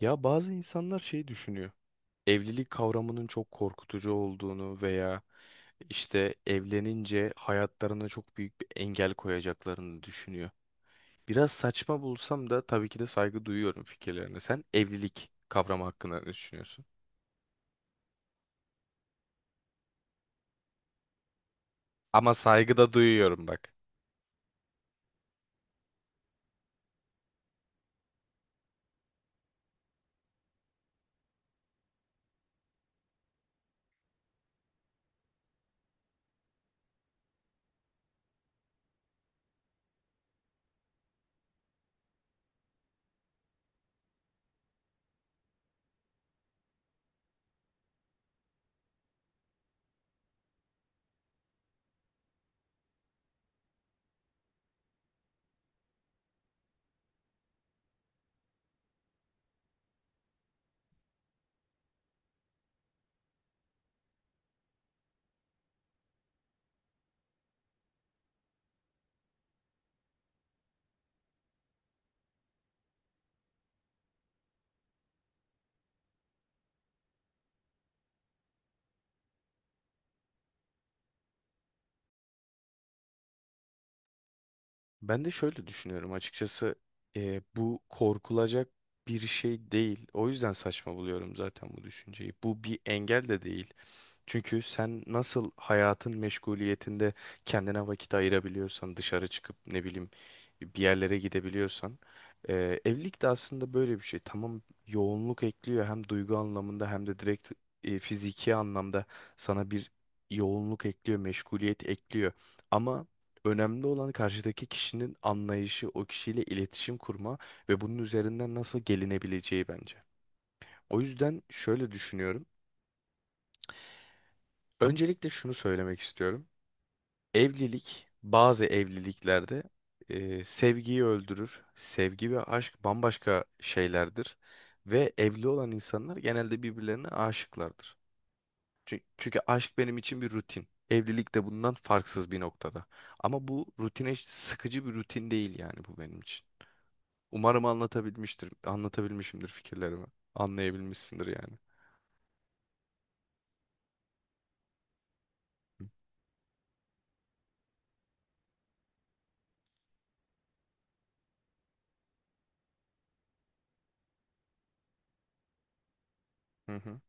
Ya bazı insanlar şey düşünüyor. Evlilik kavramının çok korkutucu olduğunu veya işte evlenince hayatlarına çok büyük bir engel koyacaklarını düşünüyor. Biraz saçma bulsam da tabii ki de saygı duyuyorum fikirlerine. Sen evlilik kavramı hakkında ne düşünüyorsun? Ama saygı da duyuyorum bak. Ben de şöyle düşünüyorum açıkçası, bu korkulacak bir şey değil. O yüzden saçma buluyorum zaten bu düşünceyi. Bu bir engel de değil. Çünkü sen nasıl hayatın meşguliyetinde kendine vakit ayırabiliyorsan, dışarı çıkıp ne bileyim bir yerlere gidebiliyorsan, evlilik de aslında böyle bir şey. Tamam, yoğunluk ekliyor hem duygu anlamında hem de direkt fiziki anlamda sana bir yoğunluk ekliyor, meşguliyet ekliyor. Ama önemli olan karşıdaki kişinin anlayışı, o kişiyle iletişim kurma ve bunun üzerinden nasıl gelinebileceği bence. O yüzden şöyle düşünüyorum. Öncelikle şunu söylemek istiyorum. Evlilik, bazı evliliklerde sevgiyi öldürür. Sevgi ve aşk bambaşka şeylerdir. Ve evli olan insanlar genelde birbirlerine aşıklardır. Çünkü aşk benim için bir rutin. Evlilik de bundan farksız bir noktada. Ama bu rutine hiç sıkıcı bir rutin değil yani, bu benim için. Umarım anlatabilmiştir, anlatabilmişimdir fikirlerimi. Anlayabilmişsindir yani. Hı hı.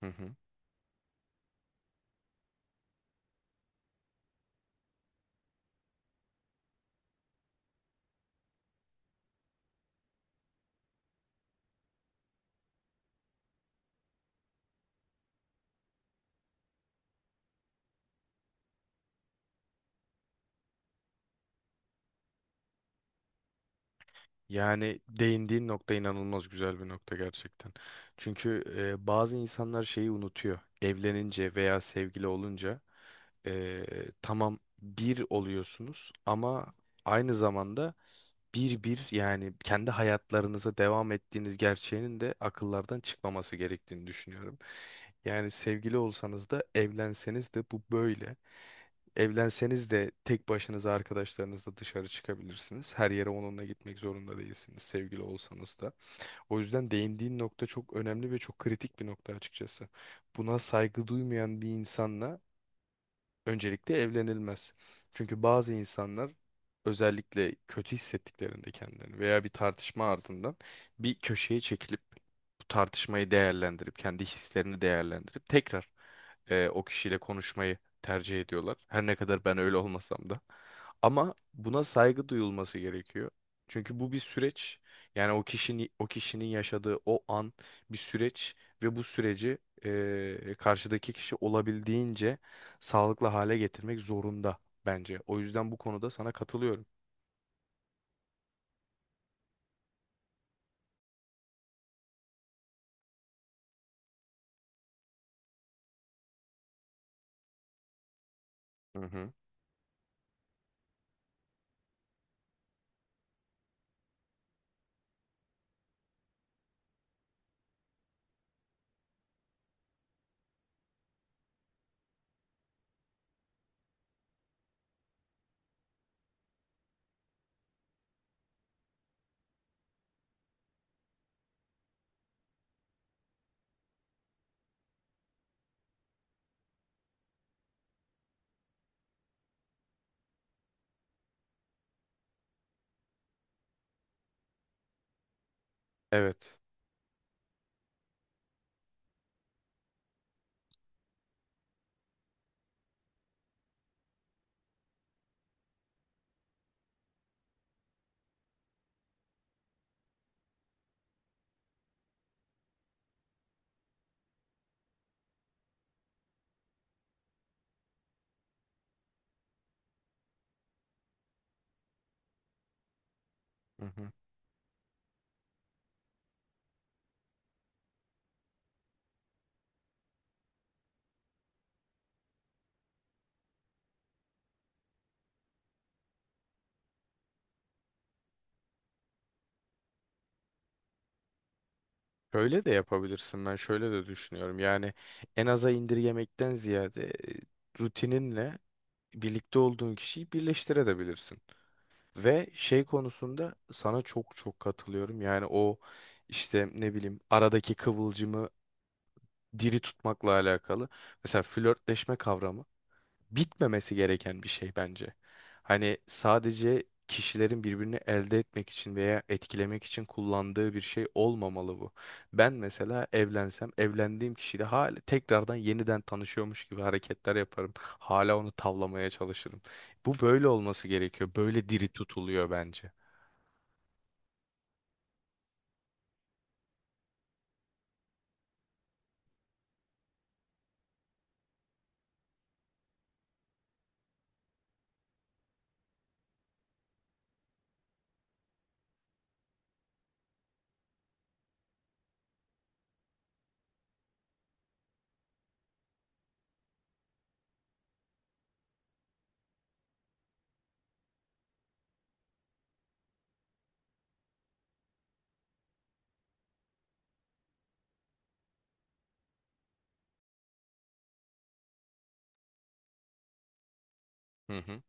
Hı hı. Yani değindiğin nokta inanılmaz güzel bir nokta gerçekten. Çünkü bazı insanlar şeyi unutuyor. Evlenince veya sevgili olunca, e, tamam bir oluyorsunuz ama aynı zamanda bir yani kendi hayatlarınıza devam ettiğiniz gerçeğinin de akıllardan çıkmaması gerektiğini düşünüyorum. Yani sevgili olsanız da evlenseniz de bu böyle. Evlenseniz de tek başınıza arkadaşlarınızla dışarı çıkabilirsiniz. Her yere onunla gitmek zorunda değilsiniz, sevgili olsanız da. O yüzden değindiğin nokta çok önemli ve çok kritik bir nokta açıkçası. Buna saygı duymayan bir insanla öncelikle evlenilmez. Çünkü bazı insanlar özellikle kötü hissettiklerinde kendilerini veya bir tartışma ardından bir köşeye çekilip bu tartışmayı değerlendirip kendi hislerini değerlendirip tekrar o kişiyle konuşmayı tercih ediyorlar. Her ne kadar ben öyle olmasam da. Ama buna saygı duyulması gerekiyor. Çünkü bu bir süreç. Yani o kişinin yaşadığı o an bir süreç ve bu süreci karşıdaki kişi olabildiğince sağlıklı hale getirmek zorunda bence. O yüzden bu konuda sana katılıyorum. Hı hı. Evet. Hı hı. Şöyle de yapabilirsin. Ben şöyle de düşünüyorum. Yani en aza indirgemekten ziyade rutininle birlikte olduğun kişiyi birleştirebilirsin. Ve şey konusunda sana çok çok katılıyorum. Yani o işte ne bileyim aradaki kıvılcımı diri tutmakla alakalı. Mesela flörtleşme kavramı, bitmemesi gereken bir şey bence. Hani sadece kişilerin birbirini elde etmek için veya etkilemek için kullandığı bir şey olmamalı bu. Ben mesela evlensem, evlendiğim kişiyle hala tekrardan yeniden tanışıyormuş gibi hareketler yaparım. Hala onu tavlamaya çalışırım. Bu böyle olması gerekiyor. Böyle diri tutuluyor bence. Hı hı.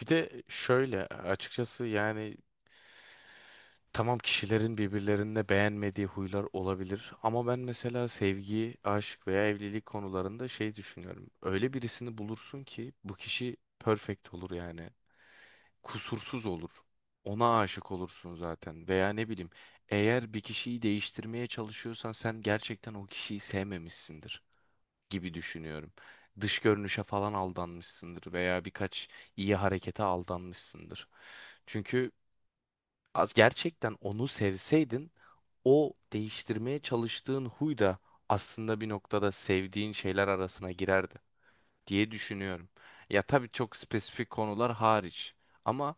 Bir de şöyle açıkçası, yani tamam kişilerin birbirlerine beğenmediği huylar olabilir ama ben mesela sevgi, aşk veya evlilik konularında şey düşünüyorum. Öyle birisini bulursun ki bu kişi perfect olur yani. Kusursuz olur. Ona aşık olursun zaten veya ne bileyim, eğer bir kişiyi değiştirmeye çalışıyorsan sen gerçekten o kişiyi sevmemişsindir gibi düşünüyorum. Dış görünüşe falan aldanmışsındır veya birkaç iyi harekete aldanmışsındır. Çünkü az gerçekten onu sevseydin, o değiştirmeye çalıştığın huy da aslında bir noktada sevdiğin şeyler arasına girerdi diye düşünüyorum. Ya tabii çok spesifik konular hariç ama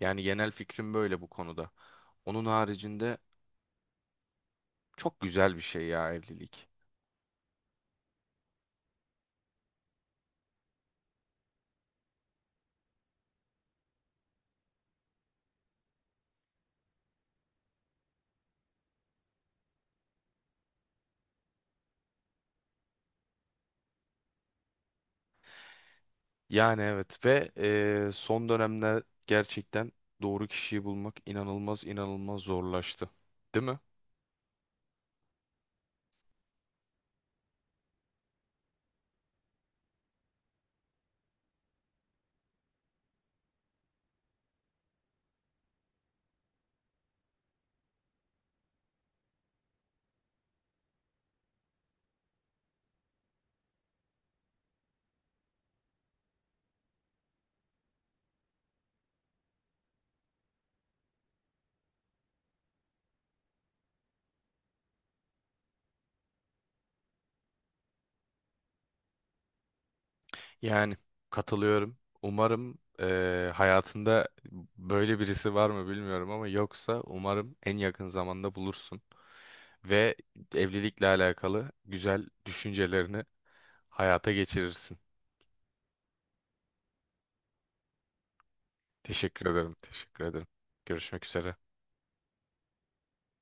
yani genel fikrim böyle bu konuda. Onun haricinde çok güzel bir şey ya evlilik. Yani evet ve son dönemde gerçekten doğru kişiyi bulmak inanılmaz inanılmaz zorlaştı. Değil mi? Yani katılıyorum. Umarım hayatında böyle birisi var mı bilmiyorum ama yoksa umarım en yakın zamanda bulursun. Ve evlilikle alakalı güzel düşüncelerini hayata geçirirsin. Teşekkür ederim. Teşekkür ederim. Görüşmek üzere.